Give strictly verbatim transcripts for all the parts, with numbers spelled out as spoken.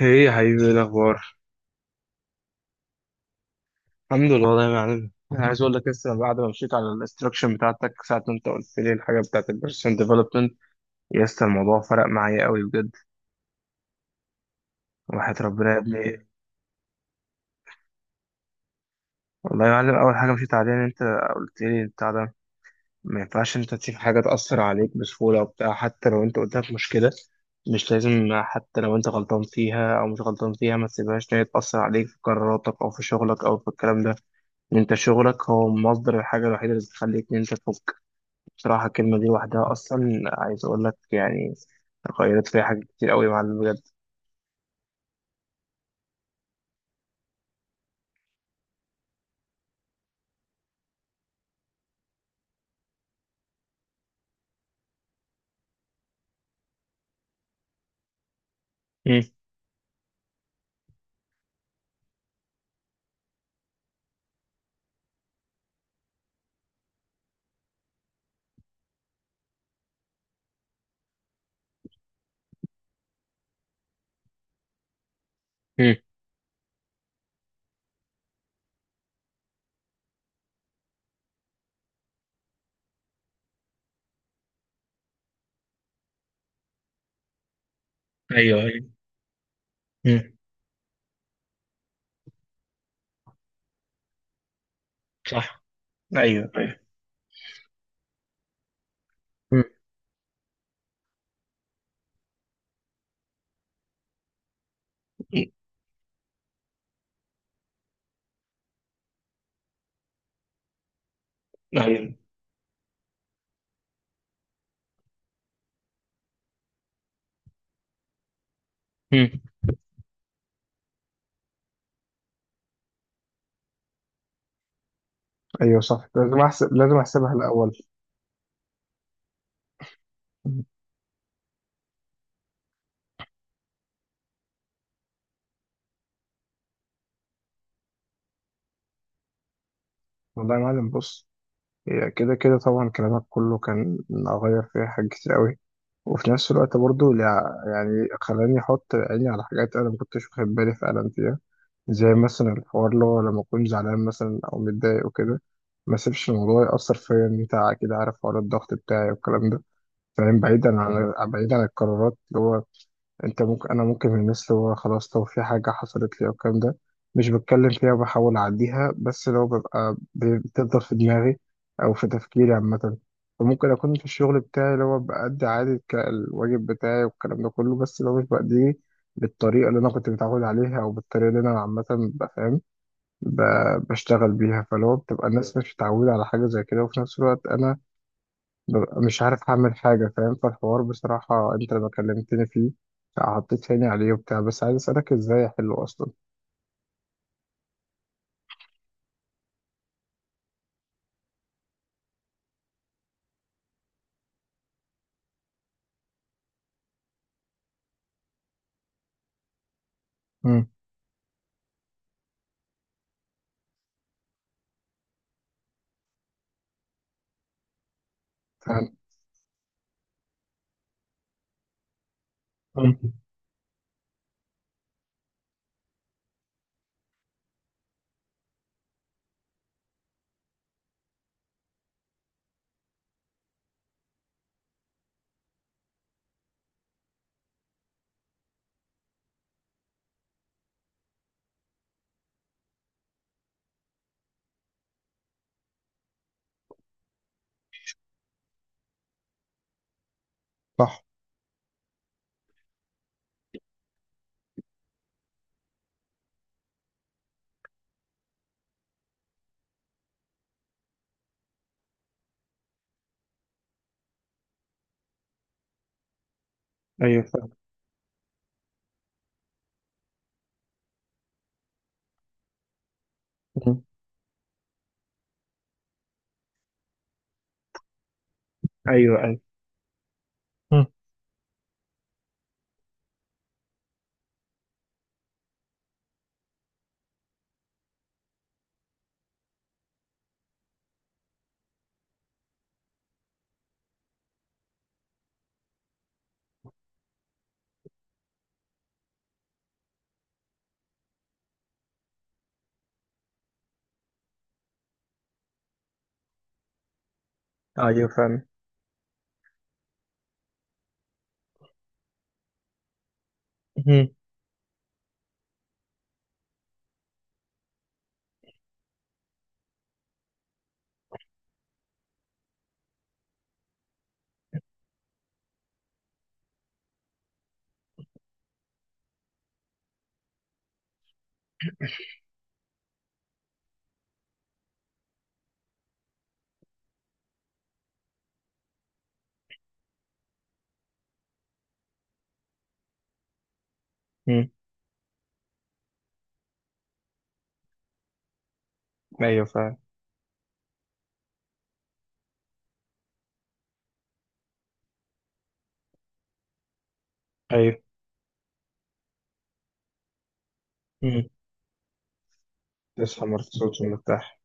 ايه يا حبيبي، ايه الاخبار؟ الحمد لله والله يا معلم، انا عايز اقول لك لسه بعد ما مشيت على الاستراكشن بتاعتك ساعه ما انت قلت لي الحاجه بتاعت البيرسون ديفلوبمنت. يا اسطى الموضوع فرق معايا قوي بجد. وحياة ربنا يا ابني، والله يا معلم اول حاجه مشيت عليها ان انت قلت لي بتاع ده، ما ينفعش انت تسيب حاجه تاثر عليك بسهوله وبتاع، حتى لو انت قدامك مشكله مش لازم، حتى لو انت غلطان فيها او مش غلطان فيها ما تسيبهاش ان هي تاثر عليك في قراراتك او في شغلك او في الكلام ده. ان انت شغلك هو مصدر الحاجه الوحيده اللي بتخليك ان انت تفوق. بصراحة الكلمة دي لوحدها أصلا عايز أقول لك يعني غيرت فيها حاجات كتير أوي يا معلم بجد. مم. مم. ايوه ايوه. مم. صح. أيوه أيوه. مم. أيوه. مم. أيوه صح، لازم أحسب، لازم أحسبها الأول. والله يا معلم بص، هي كده كده طبعا كلامك كله كان أغير فيها حاجات كتير قوي، وفي نفس الوقت برضو لع- يعني خلاني أحط عيني على حاجات أنا ما كنتش واخد بالي فعلا فيها. زي مثلا الحوار اللي هو لما أكون زعلان مثلا أو متضايق وكده ما أسيبش الموضوع يأثر فيا. إن أنت أكيد عارف حوار الضغط بتاعي والكلام ده. فاهم؟ بعيدا عن بعيدا عن القرارات اللي هو انت ممكن، انا ممكن من الناس اللي هو خلاص لو في حاجه حصلت لي او الكلام ده مش بتكلم فيها وبحاول اعديها، بس لو ببقى ب- بتفضل في دماغي او في تفكيري عامه. فممكن اكون في الشغل بتاعي اللي هو بأدي عادي الك- الواجب بتاعي والكلام ده كله، بس لو مش بأديه بالطريقه اللي انا كنت متعود عليها او بالطريقه اللي انا عامه ببقى فاهم ب- بشتغل بيها، فلو بتبقى الناس مش متعوده على حاجه زي كده وفي نفس الوقت انا ببقى مش عارف أعمل حاجة. فاهم؟ فالحوار بصراحة أنت لما كلمتني فيه حطيت عيني عليه وبتاع، بس عايز أسألك إزاي أحله أصلا. مم. فاهم. مم. صح. أيوه فاهم. مم. أيوه أيوه. مم. أيوه فاهم. مم. مم. أيوه فاهم. ايوه. مم. تصحى مبسوط ومرتاح.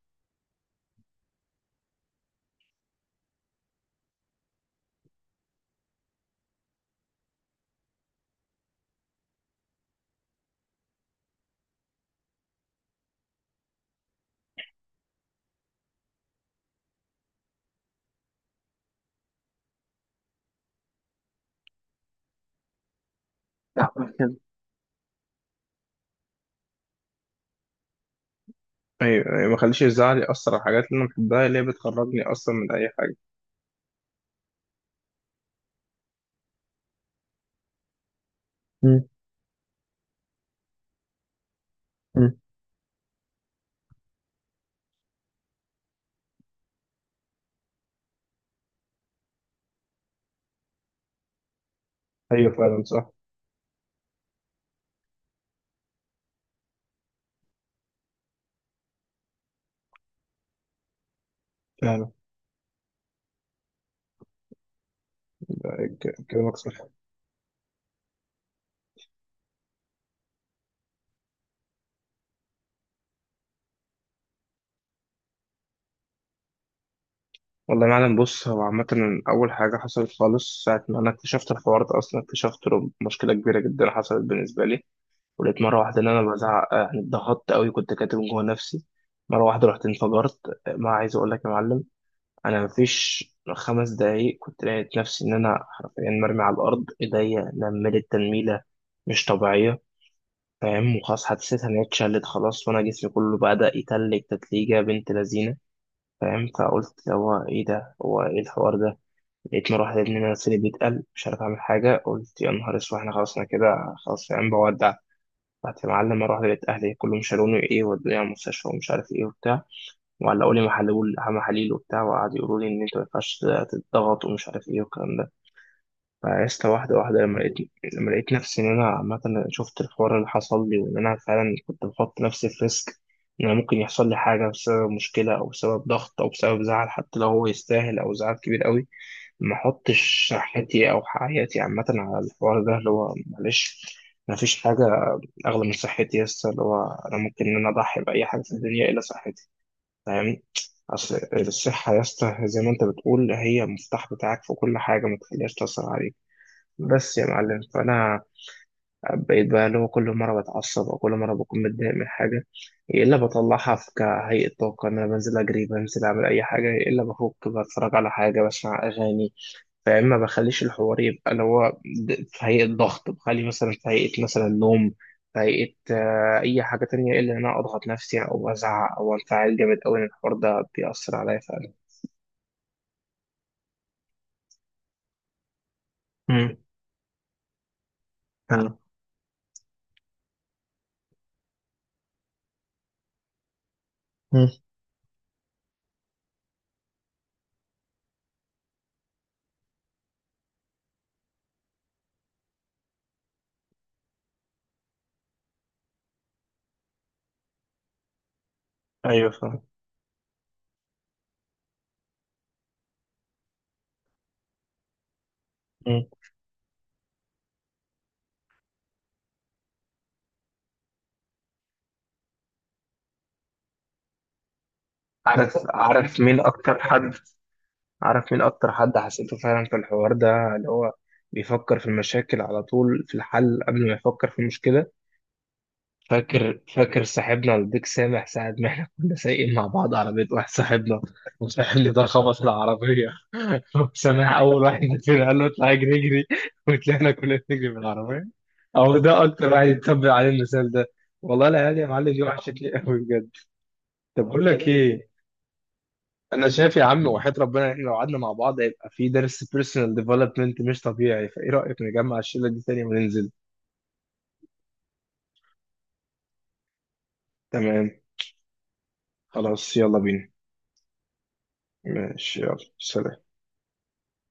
تعمل كده. أيوه أيوه، ما خليش الزعل يأثر على الحاجات اللي أنا بحبها، اللي هي بتخرجني أصلا من أي حاجة. مم. مم. أيوه فعلا صح. فعلا. ك- كلامك صح. والله يا معلم بص، هو عامة أول حاجة حصلت خالص ساعة ما أنا اكتشفت الحوار ده أصلا، اكتشفت له مشكلة كبيرة جدا حصلت بالنسبة لي. ولقيت مرة واحدة إن أنا بزعق، آه، يعني اتضغطت أوي كنت كاتب جوه نفسي. مرة واحدة رحت انفجرت. آه، ما عايز أقول لك يا معلم، أنا مفيش خمس دقايق كنت لقيت نفسي إن أنا حرفيا مرمي على الأرض، إيديا نملت تنميلة مش طبيعية. فاهم؟ وخلاص حسيت إن هي اتشلت خلاص، وأنا جسمي كله بدأ يتلج تتليجة بنت لذينة. فاهم؟ فقلت هو إيه ده، هو إيه الحوار ده. لقيت مروحة يا ابني مناخيري بيتقل، مش عارف اعمل حاجة. قلت يا نهار اسود احنا خلاص، انا كده خلاص يا عم بودع. رحت يا معلم مروحة لقيت اهلي كلهم شالوني ايه، ودوني على المستشفى ومش عارف ايه وبتاع، وعلقوا لي محلول محاليل وبتاع، وقعدوا يقولوا لي ان انت ما ينفعش تتضغط ومش عارف ايه والكلام ده. فعشت واحدة واحدة. لما لقيت لما لقيت نفسي إن أنا عامة شفت الحوار اللي حصل لي وإن أنا فعلا كنت بحط نفسي في ريسك، إن أنا ممكن يحصل لي حاجة بسبب مشكلة أو بسبب ضغط أو بسبب زعل، حتى لو هو يستاهل أو زعل كبير قوي ما أحطش صحتي أو حياتي عامة على الحوار ده اللي هو معلش ما فيش حاجة أغلى من صحتي. يس اللي هو أنا ممكن إن أنا أضحي بأي حاجة في الدنيا إلا صحتي. فاهمني؟ أصل الصحة يا اسطى زي ما أنت بتقول هي المفتاح بتاعك في كل حاجة، ما تخليهاش تأثر عليك. بس يا معلم فانا بقيت بقى اللي هو كل مره بتعصب او كل مره بكون متضايق من حاجه يا الا بطلعها في كهيئه طاقه ان انا بنزل اجري، بنزل اعمل اي حاجه، يا الا بفك بتفرج على حاجه، بسمع اغاني. فيا اما بخليش الحوار يبقى اللي هو د- في هيئه ضغط، بخلي مثلا في هيئه مثلا نوم، في هيئه آه، اي حاجه تانية، الا ان انا اضغط نفسي او ازعق او انفعل جامد قوي ان الحوار ده بيأثر عليا فعلا. امم آه. مم. ايوه فاهم. مم. عارف عارف مين اكتر حد، عارف مين أكتر حد حسيته فعلا في الحوار ده اللي هو بيفكر في المشاكل على طول في الحل قبل ما يفكر في المشكلة؟ فاكر فاكر صاحبنا البيك سامح ساعة ما احنا كنا سايقين مع بعض على بيت واحد صاحبنا، وصاحبنا ده خبط العربية سامح أول واحد فينا قال له اطلع اجري اجري، وطلعنا كلنا نجري من العربية. أو ده أكتر واحد يتبع عليه المثال ده. والله العيال يا معلم دي وحشتني قوي بجد. طب بقول لك إيه، انا شايف يا عم وحياة ربنا احنا لو قعدنا مع بعض هيبقى في درس بيرسونال ديفلوبمنت مش طبيعي، فايه رأيك نجمع الشلة دي تاني وننزل؟ تمام. خلاص يلا بينا. ماشي يلا، سلام.